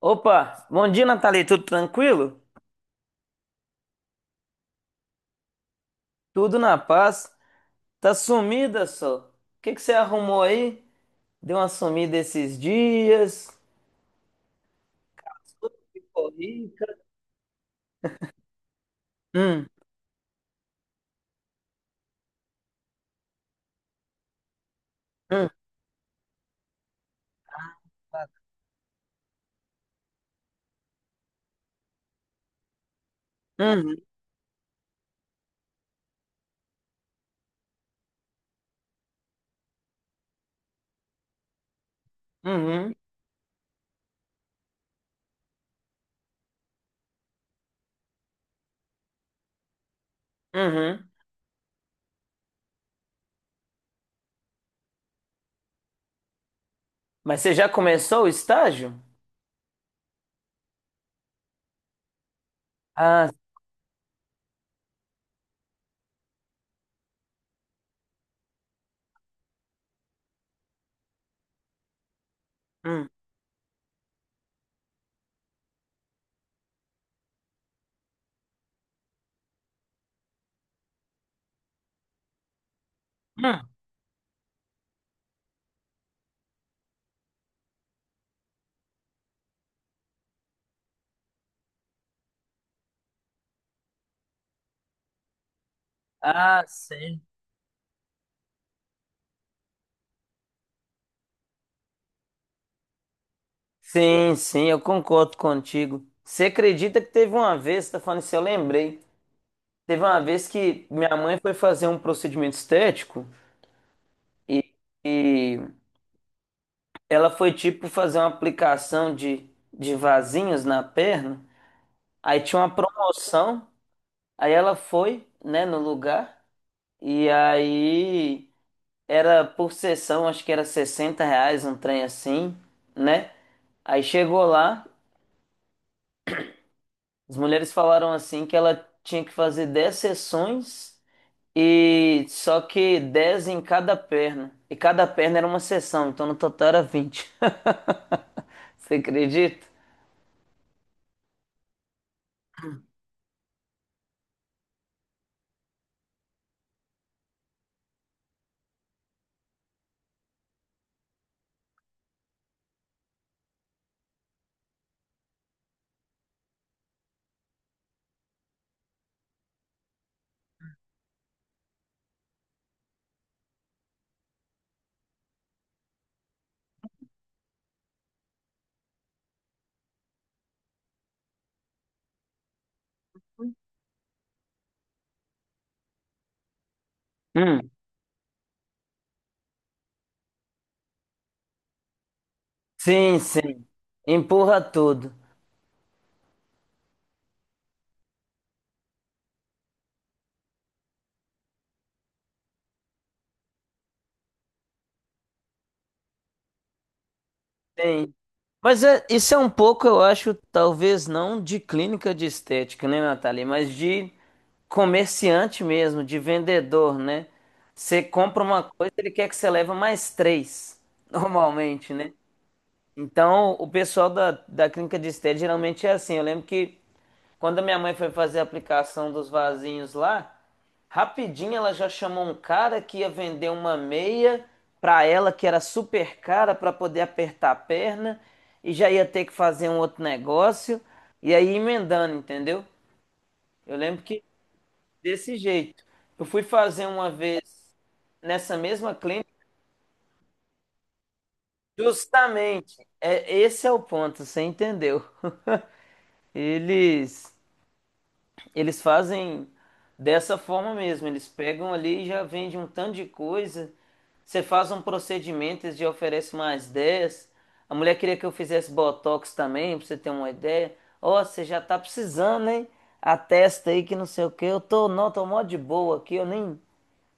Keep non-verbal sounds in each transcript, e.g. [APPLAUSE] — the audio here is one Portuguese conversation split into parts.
Opa, bom dia, Nathalie. Tudo tranquilo? Tudo na paz. Tá sumida só. O que que você arrumou aí? Deu uma sumida esses dias? Ficou rica? Hum, hum, uhum, uhum, uhum. Mas você já começou o estágio? Ah, hum, hum. Ah, sim. Sim, sim, eu concordo contigo. Você acredita que teve uma vez, tá falando isso, eu lembrei. Teve uma vez que minha mãe foi fazer um procedimento estético. E, e ela foi tipo fazer uma aplicação de vasinhos na perna. Aí tinha uma promoção. Aí ela foi, né, no lugar. E aí era por sessão, acho que era 60 reais um trem assim, né? Aí chegou lá, as mulheres falaram assim que ela tinha que fazer 10 sessões e só que 10 em cada perna. E cada perna era uma sessão, então no total era 20. [LAUGHS] Você acredita? Hum. Sim, sim. Empurra tudo. Sim. Mas isso é um pouco, eu acho, talvez não de clínica de estética, né, Natália? Mas de comerciante mesmo, de vendedor, né? Você compra uma coisa, ele quer que você leva mais três, [LAUGHS] normalmente, né? Então, o pessoal da clínica de estética geralmente é assim. Eu lembro que. Quando a minha mãe foi fazer a aplicação dos vasinhos lá, rapidinho ela já chamou um cara que ia vender uma meia pra ela que era super cara pra poder apertar a perna e já ia ter que fazer um outro negócio e aí emendando, entendeu? Eu lembro que desse jeito. Eu fui fazer uma vez nessa mesma clínica, justamente. É, esse é o ponto, você entendeu? [LAUGHS] Eles Eles fazem dessa forma mesmo. Eles pegam ali e já vendem um tanto de coisa. Você faz um procedimento, eles já oferecem mais 10. A mulher queria que eu fizesse botox também, pra você ter uma ideia. Ó, você já tá precisando, hein? A testa aí que não sei o que. Eu tô, não, tô mó de boa aqui. Eu nem,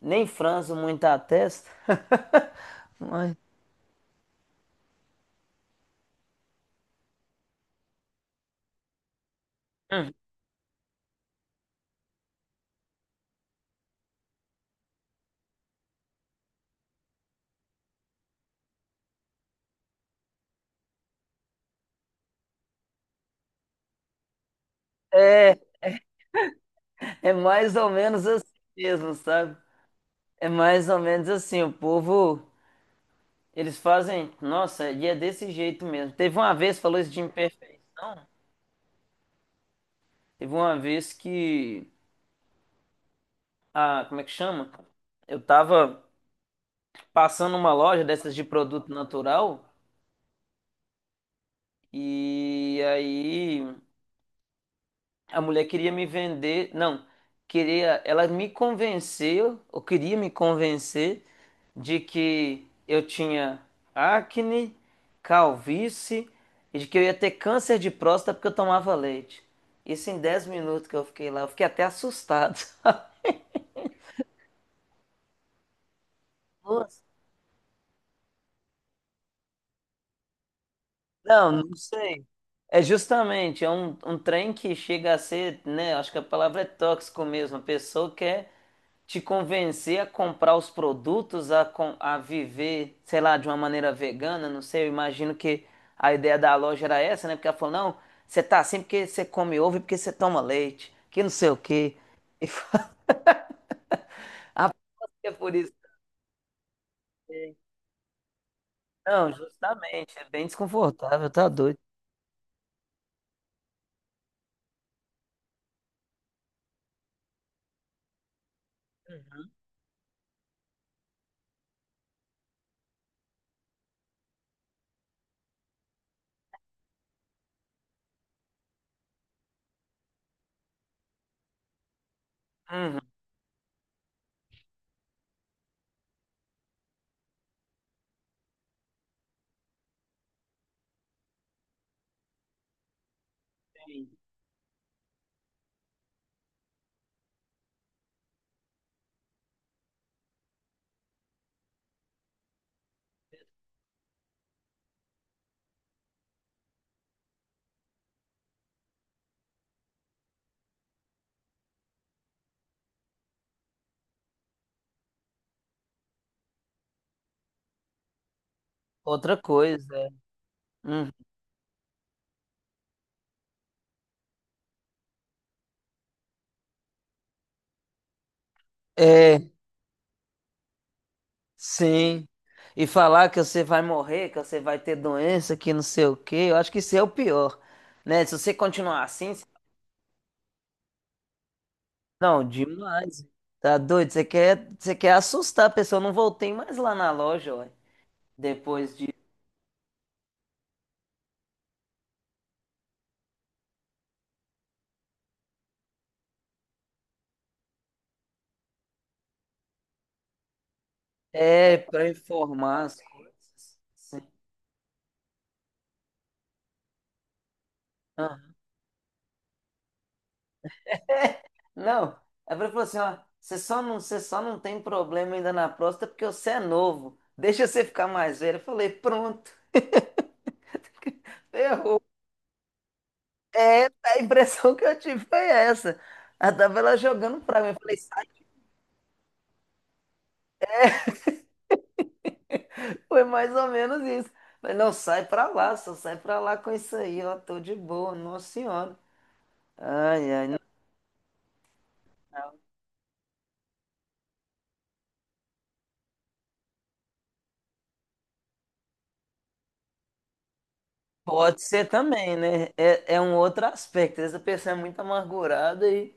nem franzo muito a testa. [LAUGHS] Mas é é mais ou menos assim mesmo, sabe? É mais ou menos assim. O povo. Eles fazem, nossa, e é desse jeito mesmo. Teve uma vez, falou isso de imperfeição. Teve uma vez que, a, como é que chama? Eu tava passando uma loja dessas de produto natural e aí a mulher queria me vender, não, queria, ela me convenceu, ou queria me convencer de que eu tinha acne, calvície e de que eu ia ter câncer de próstata porque eu tomava leite. Isso em 10 minutos que eu fiquei lá, eu fiquei até assustado. [LAUGHS] Nossa. Não, não sei. É justamente, é um trem que chega a ser, né? Acho que a palavra é tóxico mesmo. A pessoa quer te convencer a comprar os produtos, a viver, sei lá, de uma maneira vegana, não sei, eu imagino que a ideia da loja era essa, né? Porque ela falou, não, você tá assim porque você come ovo e porque você toma leite, que não sei o quê. E [LAUGHS] é por isso que... Não, justamente, é bem desconfortável, tá doido. Uhum. Outra coisa, é. Uhum. É, sim. E falar que você vai morrer, que você vai ter doença, que não sei o quê, eu acho que isso é o pior, né? Se você continuar assim, não, demais. Tá doido? Você quer assustar a pessoa. Eu não voltei mais lá na loja, ué. Depois de. É, pra informar as coisas. Sim. Ah. É. Não. A ele falou assim: ó, você só não tem problema ainda na próstata porque você é novo. Deixa você ficar mais velho. Eu falei: pronto. [LAUGHS] Ferrou. É, a impressão que eu tive foi essa. Ela tava lá jogando pra mim. Eu falei: Foi mais ou menos isso. Mas não, sai pra lá, só sai pra lá com isso aí, ó, tô de boa, nossa senhora. Ai, ai, não pode ser também, né? É, é um outro aspecto. Essa pessoa é muito amargurada e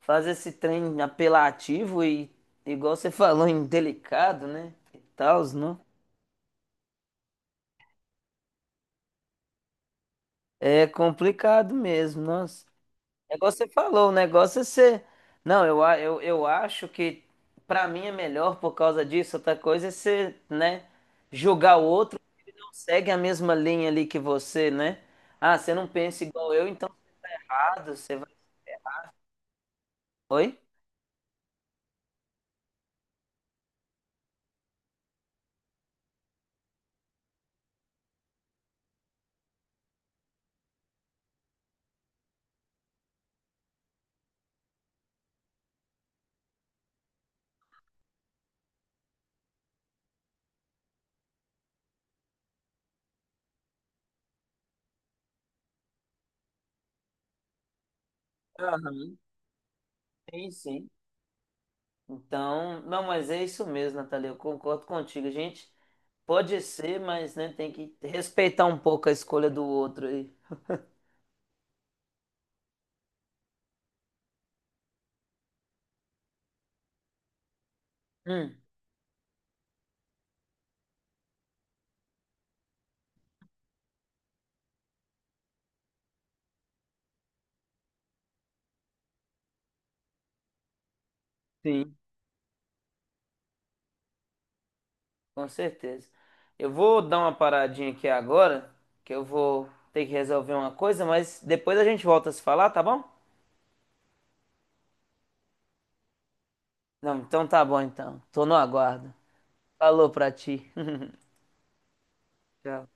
faz esse trem apelativo e, igual você falou, indelicado, né? E tal, não? É complicado mesmo, nossa. É igual você falou, o negócio é ser. Não, eu acho que pra mim é melhor por causa disso, outra coisa é ser, né? Julgar o outro segue a mesma linha ali que você, né? Ah, você não pensa igual eu, então tá errado, você vai. Oi? Aham, sim, sim. Então, não, mas é isso mesmo, Natalia, eu concordo contigo. A gente pode ser, mas né, tem que respeitar um pouco a escolha do outro aí. Hum, sim, com certeza. Eu vou dar uma paradinha aqui agora, que eu vou ter que resolver uma coisa, mas depois a gente volta a se falar, tá bom? Não, então tá bom então. Tô no aguardo. Falou pra ti. [LAUGHS] Tchau.